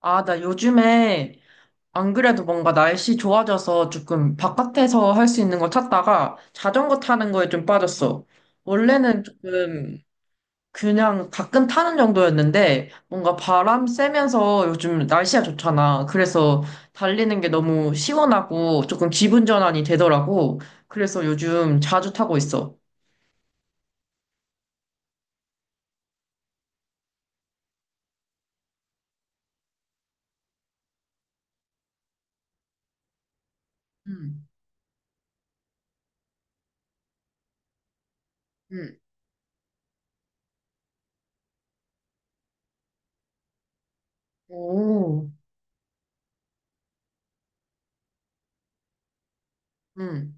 아, 나 요즘에 안 그래도 뭔가 날씨 좋아져서 조금 바깥에서 할 수 있는 거 찾다가 자전거 타는 거에 좀 빠졌어. 원래는 조금 그냥 가끔 타는 정도였는데 뭔가 바람 쐬면서 요즘 날씨가 좋잖아. 그래서 달리는 게 너무 시원하고 조금 기분 전환이 되더라고. 그래서 요즘 자주 타고 있어. 응, 응, 오, 응,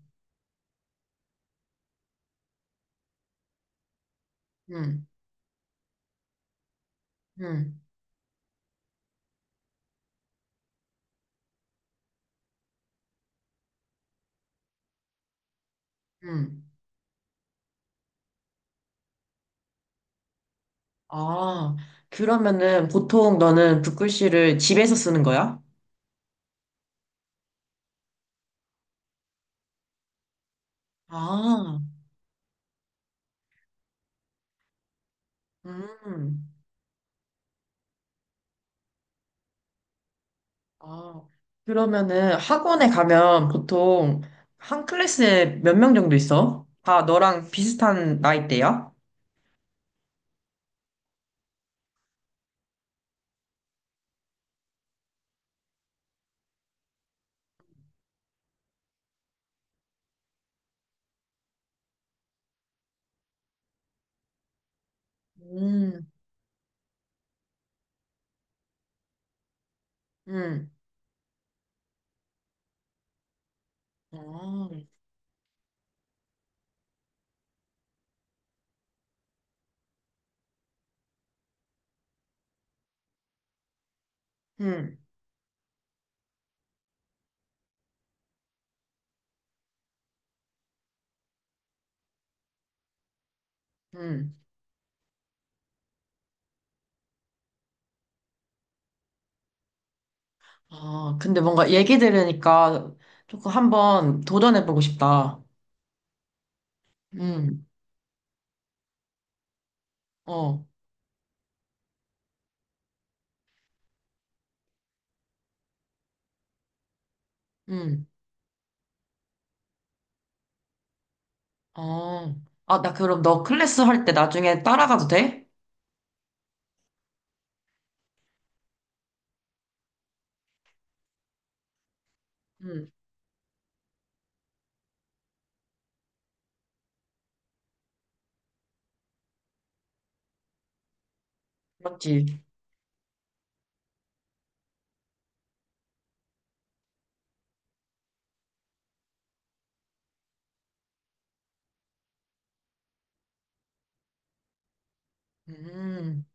응, 응, 응. 아, 그러면은 보통 너는 붓글씨를 집에서 쓰는 거야? 아, 음. 아, 그러면은 학원에 가면 보통 한 클래스에 몇 명 정도 있어? 다 너랑 비슷한 나이대야? 음, 음, 아, 음, 음. 아, 근데 뭔가 얘기 들으니까 조금 한번 도전해보고 싶다. 음, 어, 음, 어. 아, 나 그럼 너 클래스 할 때 나중에 따라가도 돼? 음, 맞지. 음,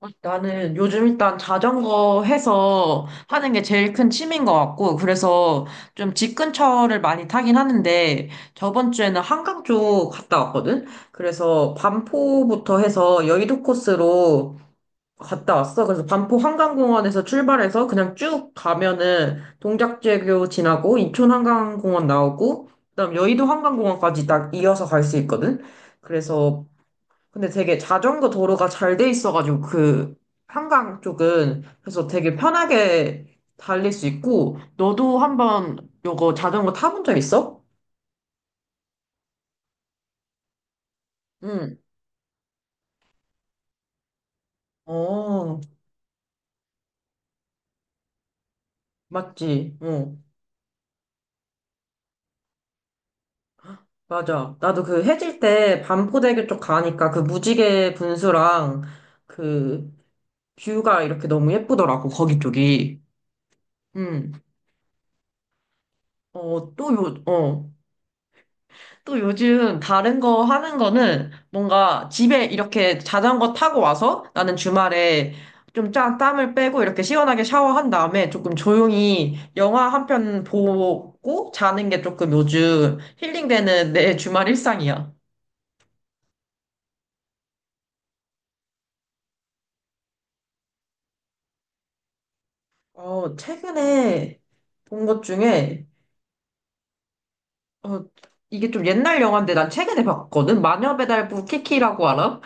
어, 나는 요즘 일단 자전거 해서 하는 게 제일 큰 취미인 것 같고, 그래서 좀 집 근처를 많이 타긴 하는데, 저번 주에는 한강 쪽 갔다 왔거든? 그래서 반포부터 해서 여의도 코스로 갔다 왔어. 그래서 반포 한강공원에서 출발해서 그냥 쭉 가면은 동작대교 지나고 인천 한강공원 나오고, 그다음 여의도 한강공원까지 딱 이어서 갈 수 있거든? 그래서 근데 되게 자전거 도로가 잘 돼 있어가지고 그 한강 쪽은 그래서 되게 편하게 달릴 수 있고 너도 한번 요거 자전거 타본 적 있어? 응. 어, 맞지. 어, 맞아. 나도 그 해질 때 반포대교 쪽 가니까 그 무지개 분수랑 그 뷰가 이렇게 너무 예쁘더라고 거기 쪽이. 응. 어, 또 요, 어. 또 요즘 다른 거 하는 거는 뭔가 집에 이렇게 자전거 타고 와서 나는 주말에 좀 짠, 땀을 빼고 이렇게 시원하게 샤워한 다음에 조금 조용히 영화 한 편 보고 자는 게 조금 요즘 힐링되는 내 주말 일상이야. 어, 최근에 본 것 중에 어, 이게 좀 옛날 영화인데 난 최근에 봤거든. 마녀배달부 키키라고 알아?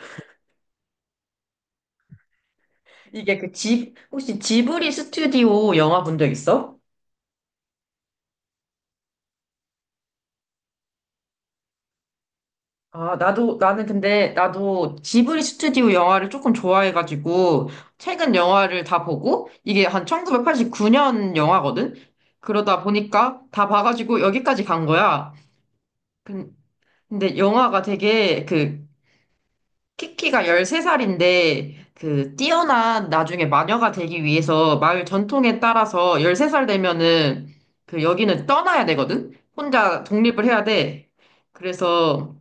이게 그 지 혹시 지브리 스튜디오 영화 본 적 있어? 아, 나도, 나는 근데, 나도 지브리 스튜디오 영화를 조금 좋아해가지고, 최근 영화를 다 보고, 이게 한 1989년 영화거든? 그러다 보니까 다 봐가지고 여기까지 간 거야. 근- 근데 영화가 되게, 그, 키키가 13살인데, 그, 뛰어난 나중에 마녀가 되기 위해서 마을 전통에 따라서 13살 되면은, 그, 여기는 떠나야 되거든? 혼자 독립을 해야 돼. 그래서,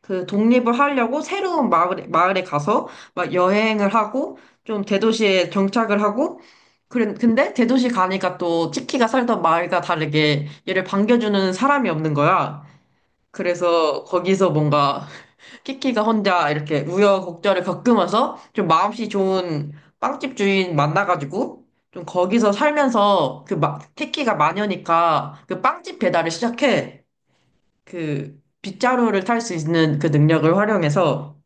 그 독립을 하려고 새로운 마을에, 가서 막 여행을 하고 좀 대도시에 정착을 하고 그래, 근데 대도시 가니까 또 치키가 살던 마을과 다르게 얘를 반겨주는 사람이 없는 거야. 그래서 거기서 뭔가 키키가 혼자 이렇게 우여곡절을 겪으면서 좀 마음씨 좋은 빵집 주인 만나가지고 좀 거기서 살면서 그 마, 키키가 마녀니까 그 빵집 배달을 시작해. 그 빗자루를 탈 수 있는 그 능력을 활용해서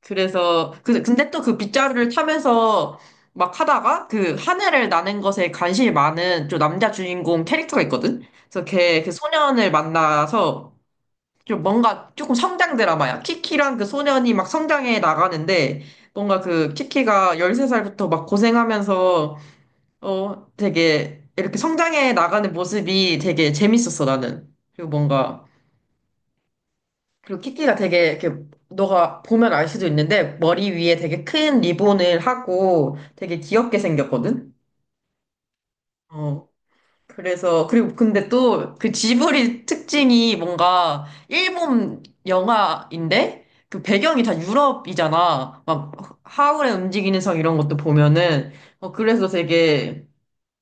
그래서 그 근데 또 그 빗자루를 타면서 막 하다가 그 하늘을 나는 것에 관심이 많은 좀 남자 주인공 캐릭터가 있거든. 그래서 걔 그 소년을 만나서 좀 뭔가 조금 성장 드라마야. 키키랑 그 소년이 막 성장해 나가는데 뭔가 그 키키가 13살부터 막 고생하면서 어 되게 이렇게 성장해 나가는 모습이 되게 재밌었어 나는. 그리고 뭔가 그리고 키키가 되게 이렇게 너가 보면 알 수도 있는데 머리 위에 되게 큰 리본을 하고 되게 귀엽게 생겼거든? 어. 그래서 그리고 근데 또 그 지브리 특징이 뭔가 일본 영화인데 그 배경이 다 유럽이잖아. 막 하울의 움직이는 성 이런 것도 보면은 어 그래서 되게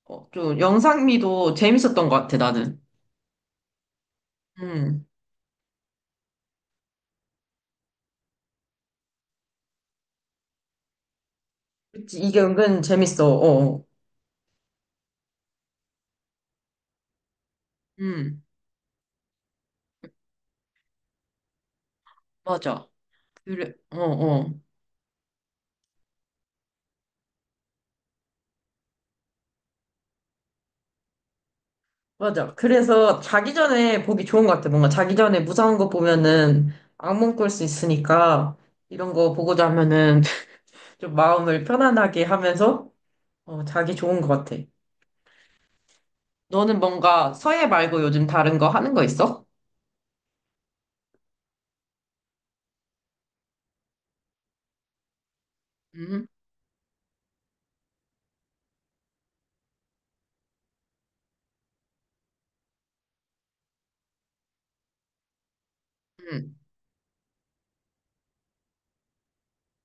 어, 좀 영상미도 재밌었던 것 같아 나는. 음. 그치 이게 은근 재밌어. 어. 어. 음. 맞아. 그래. 어, 어. 맞아. 그래서 자기 전에 보기 좋은 것 같아. 뭔가 자기 전에 무서운 거 보면은 악몽 꿀 수 있으니까 이런 거 보고자 하면은 좀 마음을 편안하게 하면서 어, 자기 좋은 것 같아. 너는 뭔가 서예 말고 요즘 다른 거 하는 거 있어? 음, 음.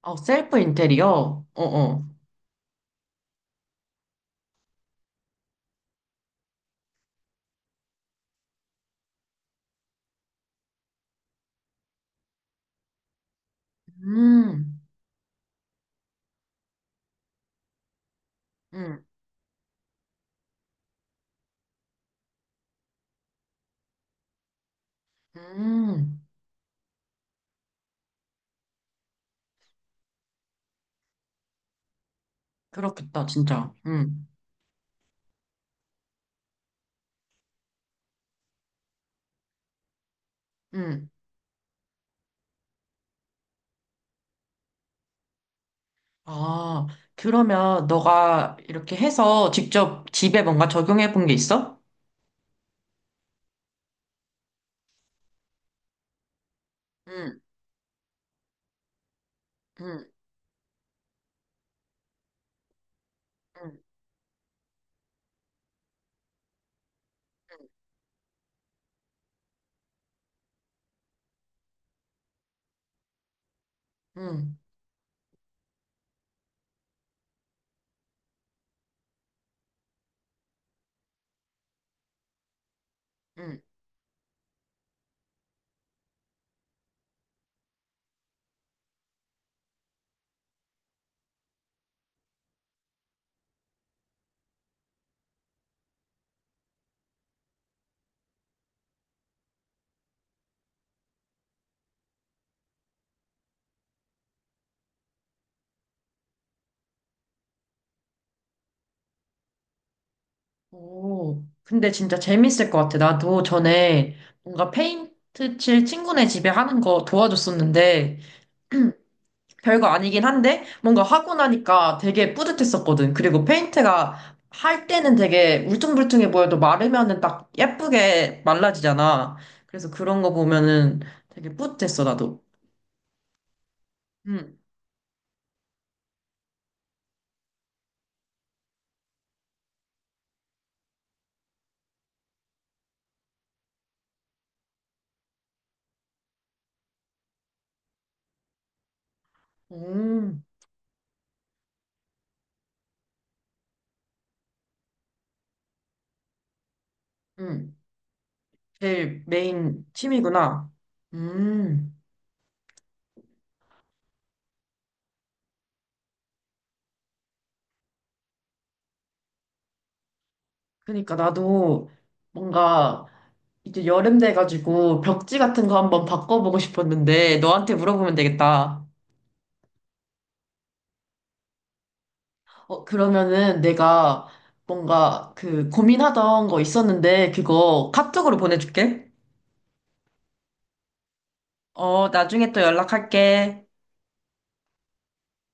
어, 셀프 인테리어? 어, 어. 음, 음, 음. 그렇겠다, 진짜. 음. 아, 그러면 너가 이렇게 해서 직접 집에 뭔가 적용해 본 게 있어? 응, 응, 응, 응. 응. 오, 근데 진짜 재밌을 것 같아. 나도 전에 뭔가 페인트 칠 친구네 집에 하는 거 도와줬었는데, 별거 아니긴 한데, 뭔가 하고 나니까 되게 뿌듯했었거든. 그리고 페인트가 할 때는 되게 울퉁불퉁해 보여도 마르면은 딱 예쁘게 말라지잖아. 그래서 그런 거 보면은 되게 뿌듯했어, 나도. 응, 오, 응. 제일 메인 취미구나. 음. 그러니까 나도 뭔가 이제 여름 돼가지고 벽지 같은 거 한번 바꿔보고 싶었는데 너한테 물어보면 되겠다. 어, 그러면은 내가 뭔가 그 고민하던 거 있었는데 그거 카톡으로 보내줄게. 어, 나중에 또 연락할게.